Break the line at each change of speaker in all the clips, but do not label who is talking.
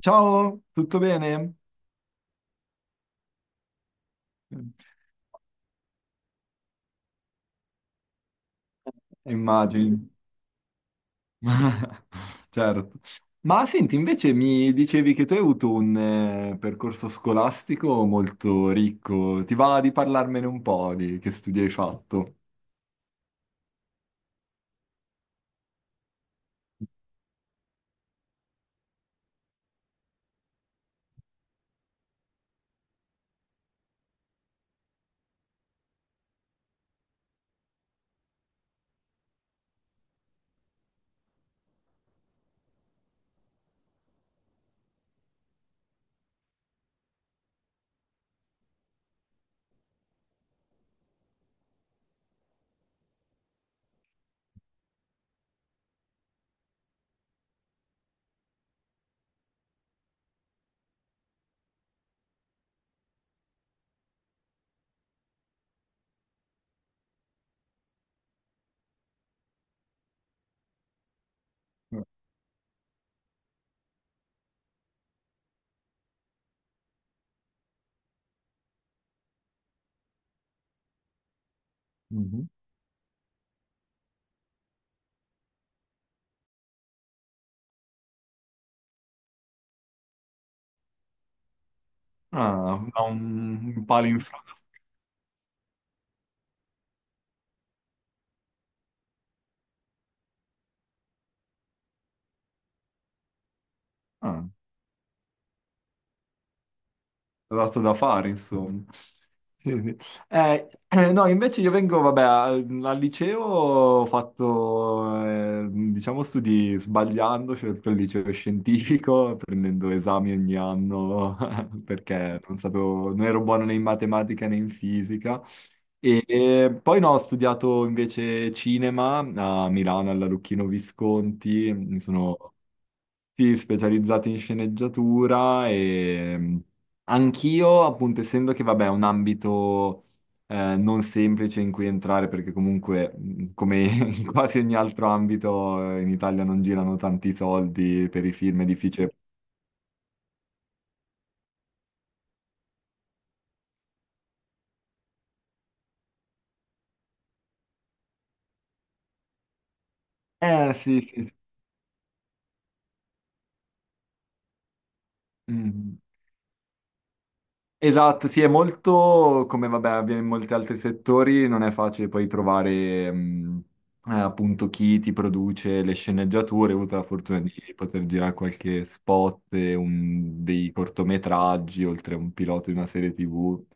Ciao, tutto bene? Immagini. Certo. Ma senti, invece mi dicevi che tu hai avuto un percorso scolastico molto ricco. Ti va di parlarmene un po' di che studi hai fatto? Mhm. Ah, da un palo in fra. Ah. Dato da fare, insomma. Quindi, no, invece io vengo, vabbè, al liceo ho fatto, diciamo, studi sbagliando, ho scelto il liceo scientifico, prendendo esami ogni anno, perché non sapevo, non ero buono né in matematica né in fisica. E poi no, ho studiato invece cinema a Milano, alla Lucchino Visconti, mi sono sì, specializzati in sceneggiatura e anch'io, appunto, essendo che vabbè, è un ambito non semplice in cui entrare, perché comunque, come in quasi ogni altro ambito, in Italia non girano tanti soldi per i film, è difficile. Sì, sì. Sì. Mm. Esatto, sì, è molto, come vabbè, avviene in molti altri settori, non è facile poi trovare appunto chi ti produce le sceneggiature. Ho avuto la fortuna di poter girare qualche spot, e dei cortometraggi, oltre a un pilota di una serie TV,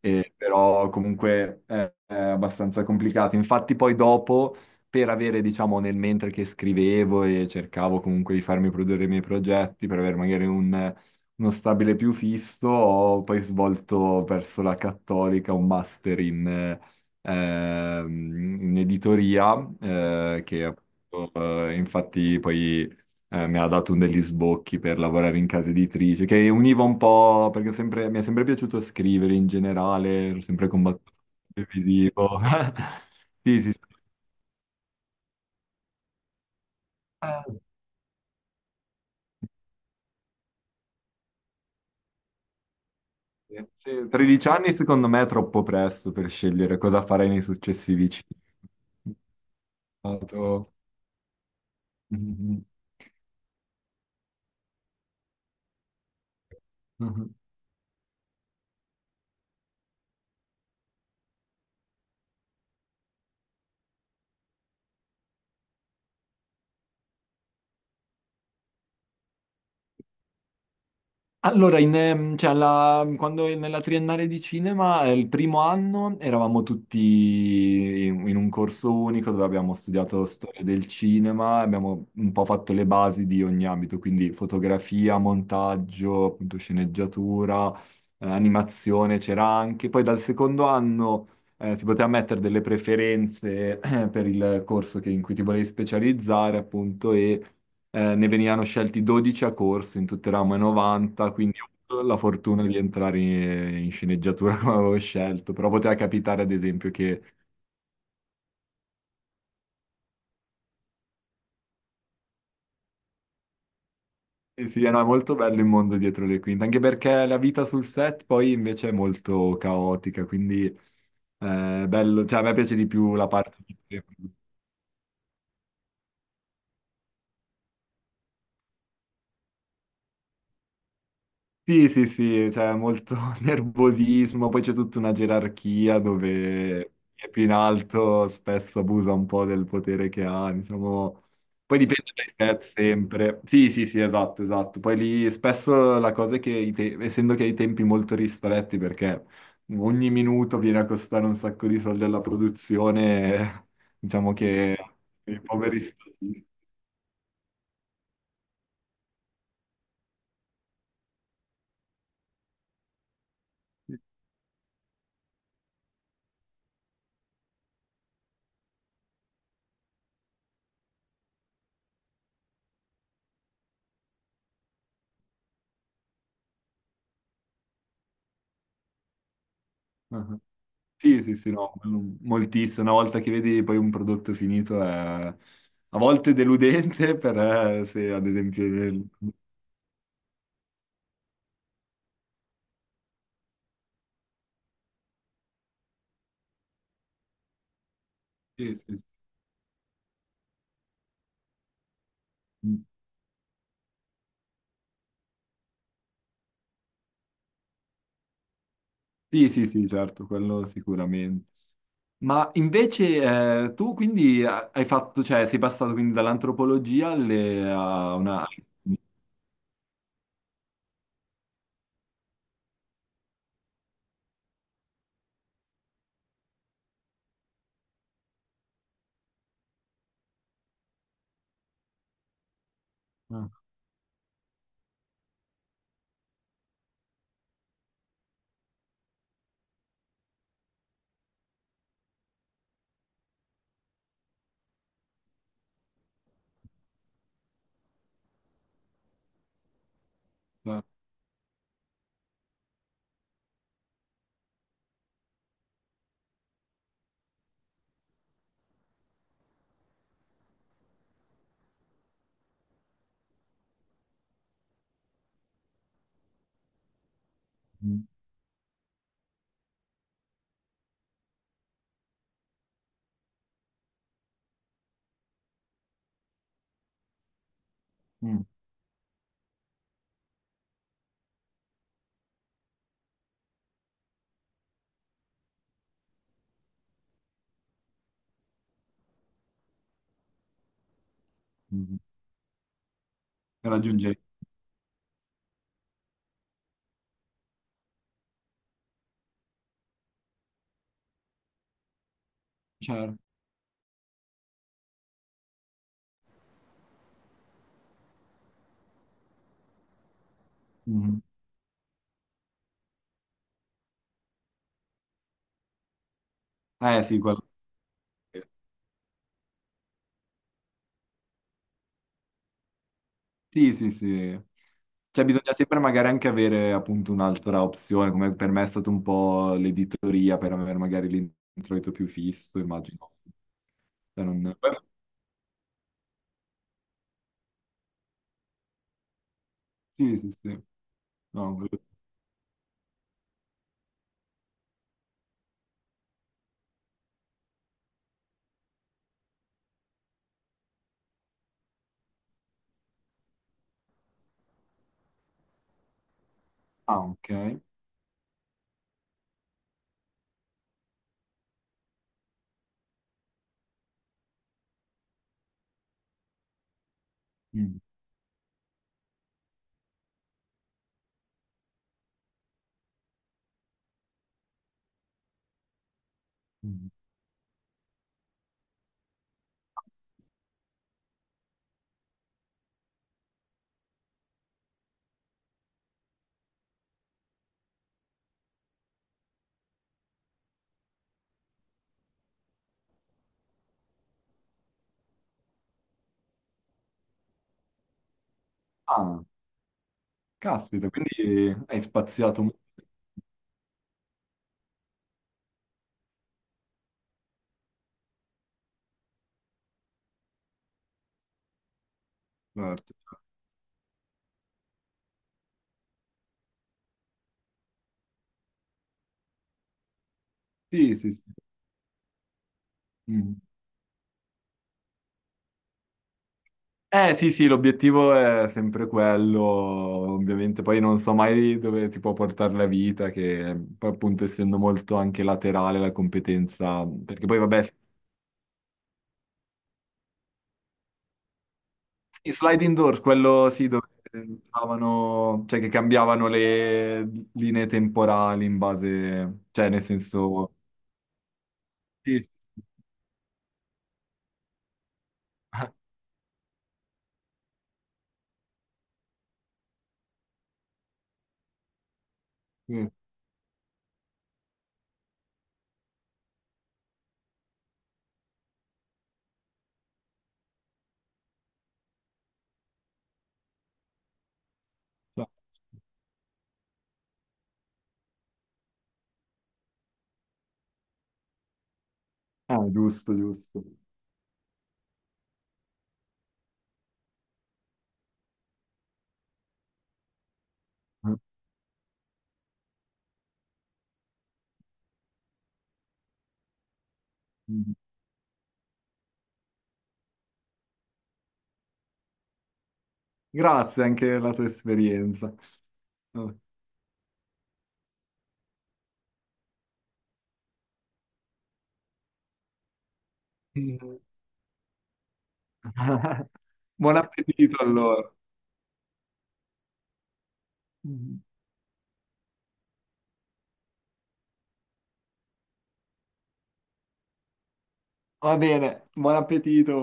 e, però comunque è abbastanza complicato. Infatti poi dopo, per avere, diciamo, nel mentre che scrivevo e cercavo comunque di farmi produrre i miei progetti, per avere magari un uno stabile più fisso, ho poi svolto verso la Cattolica un master in, ehm, in editoria, che appunto, infatti poi mi ha dato un degli sbocchi per lavorare in casa editrice, che univa un po', perché mi è sempre piaciuto scrivere in generale, ero sempre combattuto televisivo. Sì, sì. Ah, sì. Sì, 13 anni secondo me è troppo presto per scegliere cosa fare nei successivi cinque. Stato. Mhm. Mhm. Allora, in, cioè, quando nella triennale di cinema, il primo anno eravamo tutti in un corso unico dove abbiamo studiato storia del cinema, abbiamo un po' fatto le basi di ogni ambito, quindi fotografia, montaggio, appunto sceneggiatura, animazione c'era anche. Poi dal secondo anno si poteva mettere delle preferenze per il in cui ti volevi specializzare, appunto, e ne venivano scelti 12 a corso in tutte le ramo e 90, quindi ho avuto la fortuna di entrare in, in sceneggiatura come avevo scelto, però poteva capitare ad esempio che sì, era molto bello il mondo dietro le quinte, anche perché la vita sul set poi invece è molto caotica, quindi bello, cioè a me piace di più la parte di... Sì, sì, sì, c'è molto nervosismo, poi c'è tutta una gerarchia dove chi è più in alto spesso abusa un po' del potere che ha, insomma, poi dipende dai set sempre. Sì, sì, sì, esatto, esatto. Poi lì spesso la cosa è che, essendo che hai tempi molto ristretti, perché ogni minuto viene a costare un sacco di soldi alla produzione, diciamo che i poveri... statisti. Ah, sì, sì, sì, no, quello moltissimo. Una volta che vedi poi un prodotto finito è a volte deludente, per se ad esempio... il- Sì, sì, sì. Mm. Sì, sì, sì, certo, quello sicuramente. Ma invece tu quindi hai fatto, cioè sei passato quindi dall'antropologia alle, a una... Ah, certo. Mm, mm, mm. Raggiungere, certo. Mhm. Eh sì, quello- Sì, sì, sì. Cioè bisogna sempre magari anche avere appunto un'altra opzione, come per me è stato un po' l'editoria per avere magari l'introito più fisso, immagino. Cioè, non- Sì, sì, sì. No, ah, ok. Mm. Mm. Ah. Caspita, quindi hai spaziato molto. Certo. Sì, sì, sì. Mm. Eh sì, sì, l'obiettivo è sempre quello, ovviamente poi non so mai dove ti può portare la vita, che poi, appunto essendo molto anche laterale la competenza, perché poi vabbè, i slide indoors, quello sì, dove stavano, cioè che cambiavano le linee temporali in base, cioè nel senso... Sì. Ah, sì. Ah, giusto, giusto. Mm. Grazie anche della tua esperienza. Vabbè. Mm. Buon appetito allora. Va bene, buon appetito.